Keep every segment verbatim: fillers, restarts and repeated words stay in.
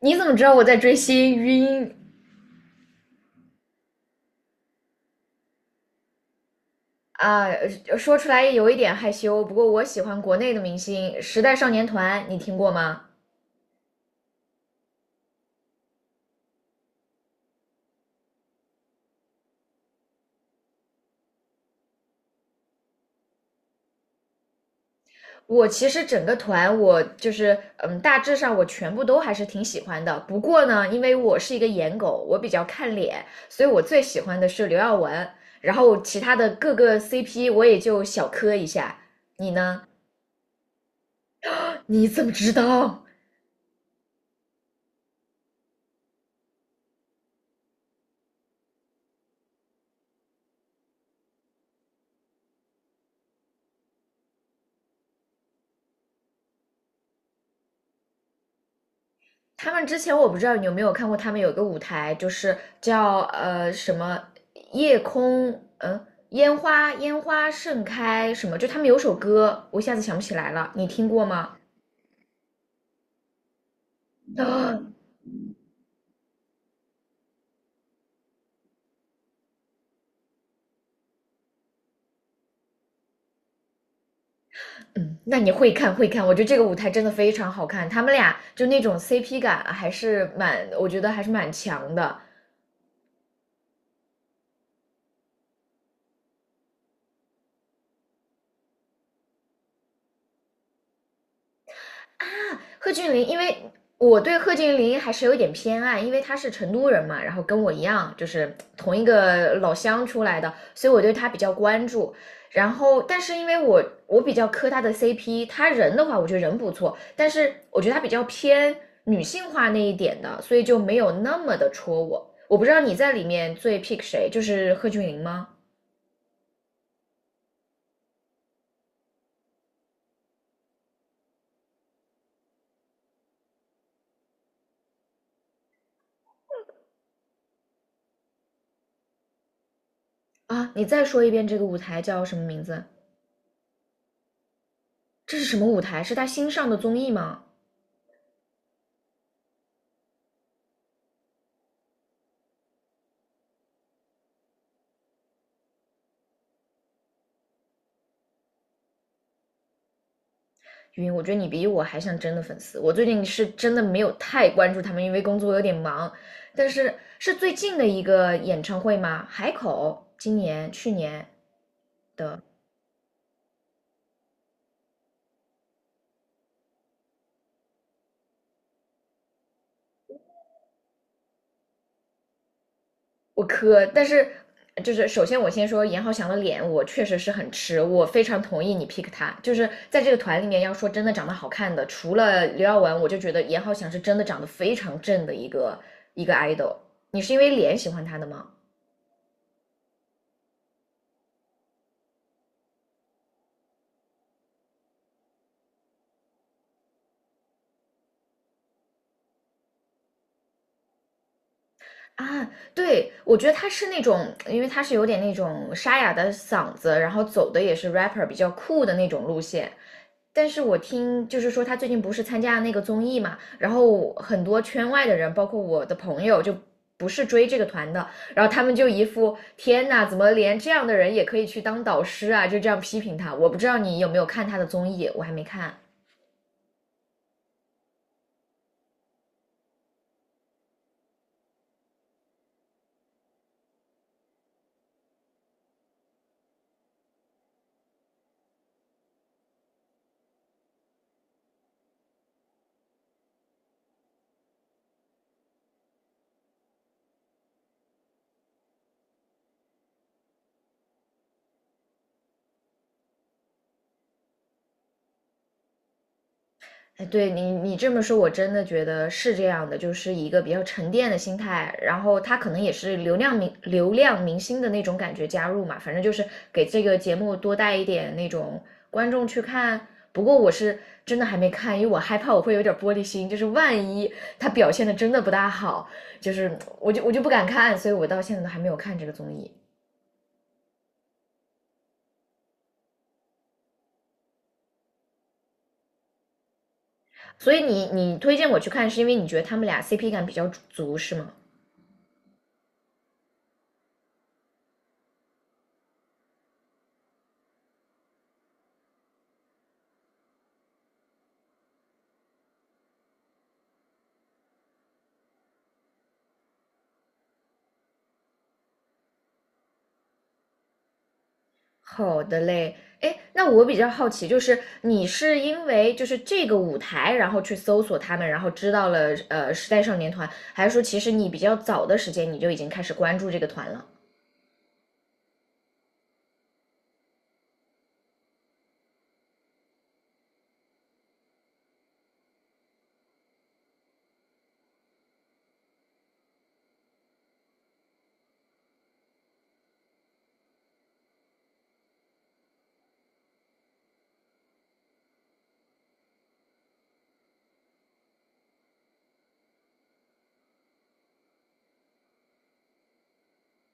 你怎么知道我在追星？晕啊！说出来有一点害羞，不过我喜欢国内的明星，时代少年团，你听过吗？我其实整个团，我就是嗯，大致上我全部都还是挺喜欢的。不过呢，因为我是一个颜狗，我比较看脸，所以我最喜欢的是刘耀文，然后其他的各个 C P 我也就小磕一下。你呢？你怎么知道？他们之前我不知道你有没有看过，他们有一个舞台，就是叫呃什么夜空，嗯、烟花烟花盛开什么，就他们有首歌，我一下子想不起来了，你听过吗？啊，嗯，那你会看会看，我觉得这个舞台真的非常好看，他们俩就那种 C P 感还是蛮，我觉得还是蛮强的。啊，贺峻霖，因为我对贺峻霖还是有一点偏爱，因为他是成都人嘛，然后跟我一样，就是同一个老乡出来的，所以我对他比较关注。然后，但是因为我我比较磕他的 C P，他人的话，我觉得人不错，但是我觉得他比较偏女性化那一点的，所以就没有那么的戳我。我不知道你在里面最 pick 谁，就是贺峻霖吗？啊，你再说一遍这个舞台叫什么名字？这是什么舞台？是他新上的综艺吗？晕，我觉得你比我还像真的粉丝。我最近是真的没有太关注他们，因为工作有点忙。但是是最近的一个演唱会吗？海口今年、去年的，我磕。但是就是首先我先说严浩翔的脸，我确实是很吃，我非常同意你 pick 他。就是在这个团里面，要说真的长得好看的，除了刘耀文，我就觉得严浩翔是真的长得非常正的一个一个 idol。你是因为脸喜欢他的吗？啊，对，我觉得他是那种，因为他是有点那种沙哑的嗓子，然后走的也是 rapper 比较酷的那种路线。但是我听就是说他最近不是参加了那个综艺嘛，然后很多圈外的人，包括我的朋友，就不是追这个团的，然后他们就一副天呐，怎么连这样的人也可以去当导师啊？就这样批评他。我不知道你有没有看他的综艺，我还没看。哎，对你，你这么说，我真的觉得是这样的，就是一个比较沉淀的心态，然后他可能也是流量明流量明星的那种感觉加入嘛，反正就是给这个节目多带一点那种观众去看。不过我是真的还没看，因为我害怕我会有点玻璃心，就是万一他表现的真的不大好，就是我就我就不敢看，所以我到现在都还没有看这个综艺。所以你你推荐我去看，是因为你觉得他们俩 C P 感比较足是吗？好的嘞，哎，那我比较好奇，就是你是因为就是这个舞台，然后去搜索他们，然后知道了呃时代少年团，还是说其实你比较早的时间你就已经开始关注这个团了？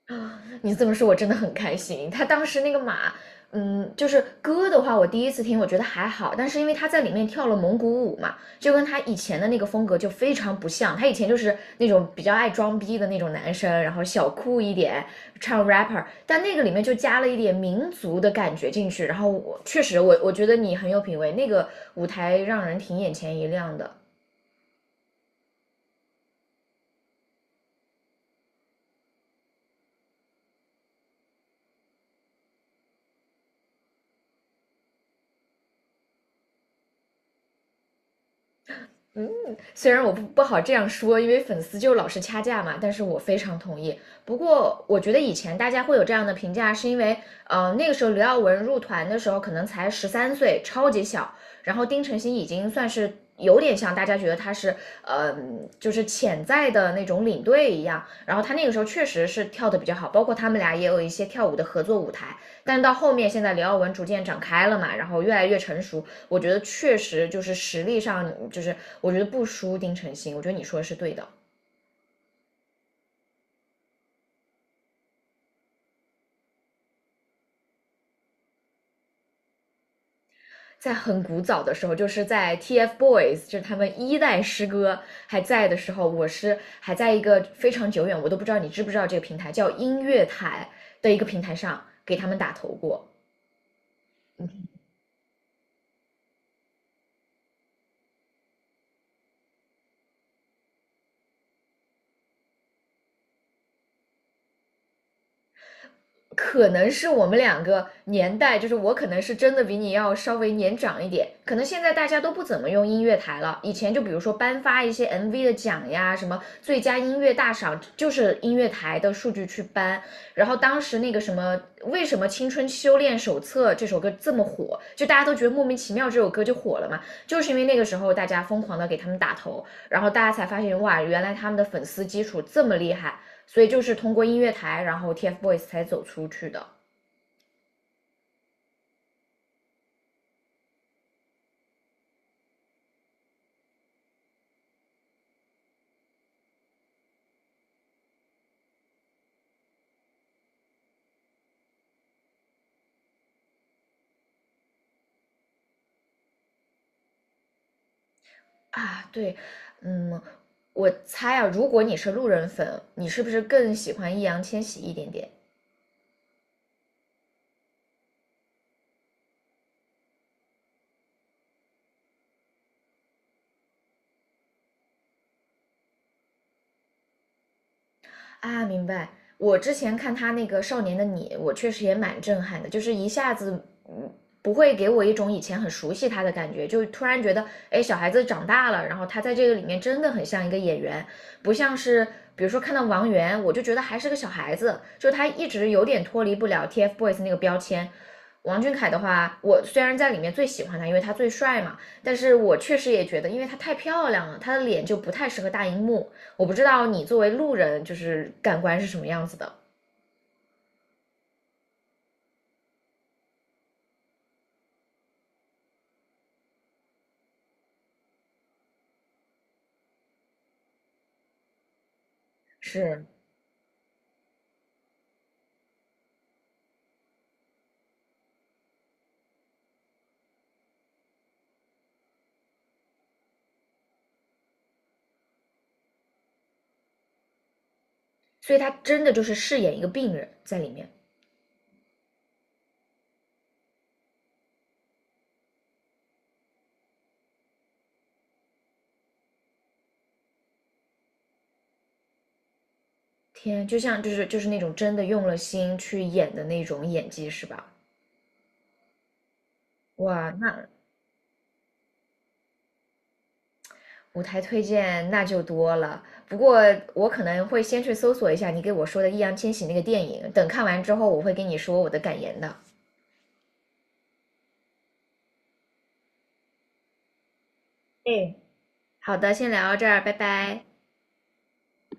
啊，你这么说，我真的很开心。他当时那个马，嗯，就是歌的话，我第一次听，我觉得还好，但是因为他在里面跳了蒙古舞嘛，就跟他以前的那个风格就非常不像。他以前就是那种比较爱装逼的那种男生，然后小酷一点，唱 rapper，但那个里面就加了一点民族的感觉进去。然后我确实我，我觉得你很有品味，那个舞台让人挺眼前一亮的。虽然我不不好这样说，因为粉丝就老是掐架嘛，但是我非常同意。不过我觉得以前大家会有这样的评价，是因为呃那个时候刘耀文入团的时候可能才十三岁，超级小，然后丁程鑫已经算是。有点像大家觉得他是，呃，就是潜在的那种领队一样。然后他那个时候确实是跳的比较好，包括他们俩也有一些跳舞的合作舞台。但到后面，现在刘耀文逐渐长开了嘛，然后越来越成熟，我觉得确实就是实力上，就是我觉得不输丁程鑫，我觉得你说的是对的。在很古早的时候，就是在 TFBOYS，就是他们一代师哥还在的时候，我是还在一个非常久远，我都不知道你知不知道这个平台叫音乐台的一个平台上给他们打头过。可能是我们两个年代，就是我可能是真的比你要稍微年长一点，可能现在大家都不怎么用音乐台了。以前就比如说颁发一些 M V 的奖呀，什么最佳音乐大赏，就是音乐台的数据去颁。然后当时那个什么，为什么《青春修炼手册》这首歌这么火，就大家都觉得莫名其妙这首歌就火了嘛，就是因为那个时候大家疯狂的给他们打头，然后大家才发现哇，原来他们的粉丝基础这么厉害。所以就是通过音乐台，然后 TFBOYS 才走出去的啊。对，嗯，我猜啊，如果你是路人粉，你是不是更喜欢易烊千玺一点点？啊，明白。我之前看他那个《少年的你》，我确实也蛮震撼的，就是一下子，嗯，不会给我一种以前很熟悉他的感觉，就突然觉得，哎，小孩子长大了，然后他在这个里面真的很像一个演员，不像是比如说看到王源，我就觉得还是个小孩子，就他一直有点脱离不了 TFBOYS 那个标签。王俊凯的话，我虽然在里面最喜欢他，因为他最帅嘛，但是我确实也觉得，因为他太漂亮了，他的脸就不太适合大荧幕。我不知道你作为路人就是感官是什么样子的，是，所以他真的就是饰演一个病人在里面。天，就像就是就是那种真的用了心去演的那种演技是吧？哇，那舞台推荐那就多了。不过我可能会先去搜索一下你给我说的易烊千玺那个电影，等看完之后我会跟你说我的感言的。哎，好的，先聊到这儿，拜拜。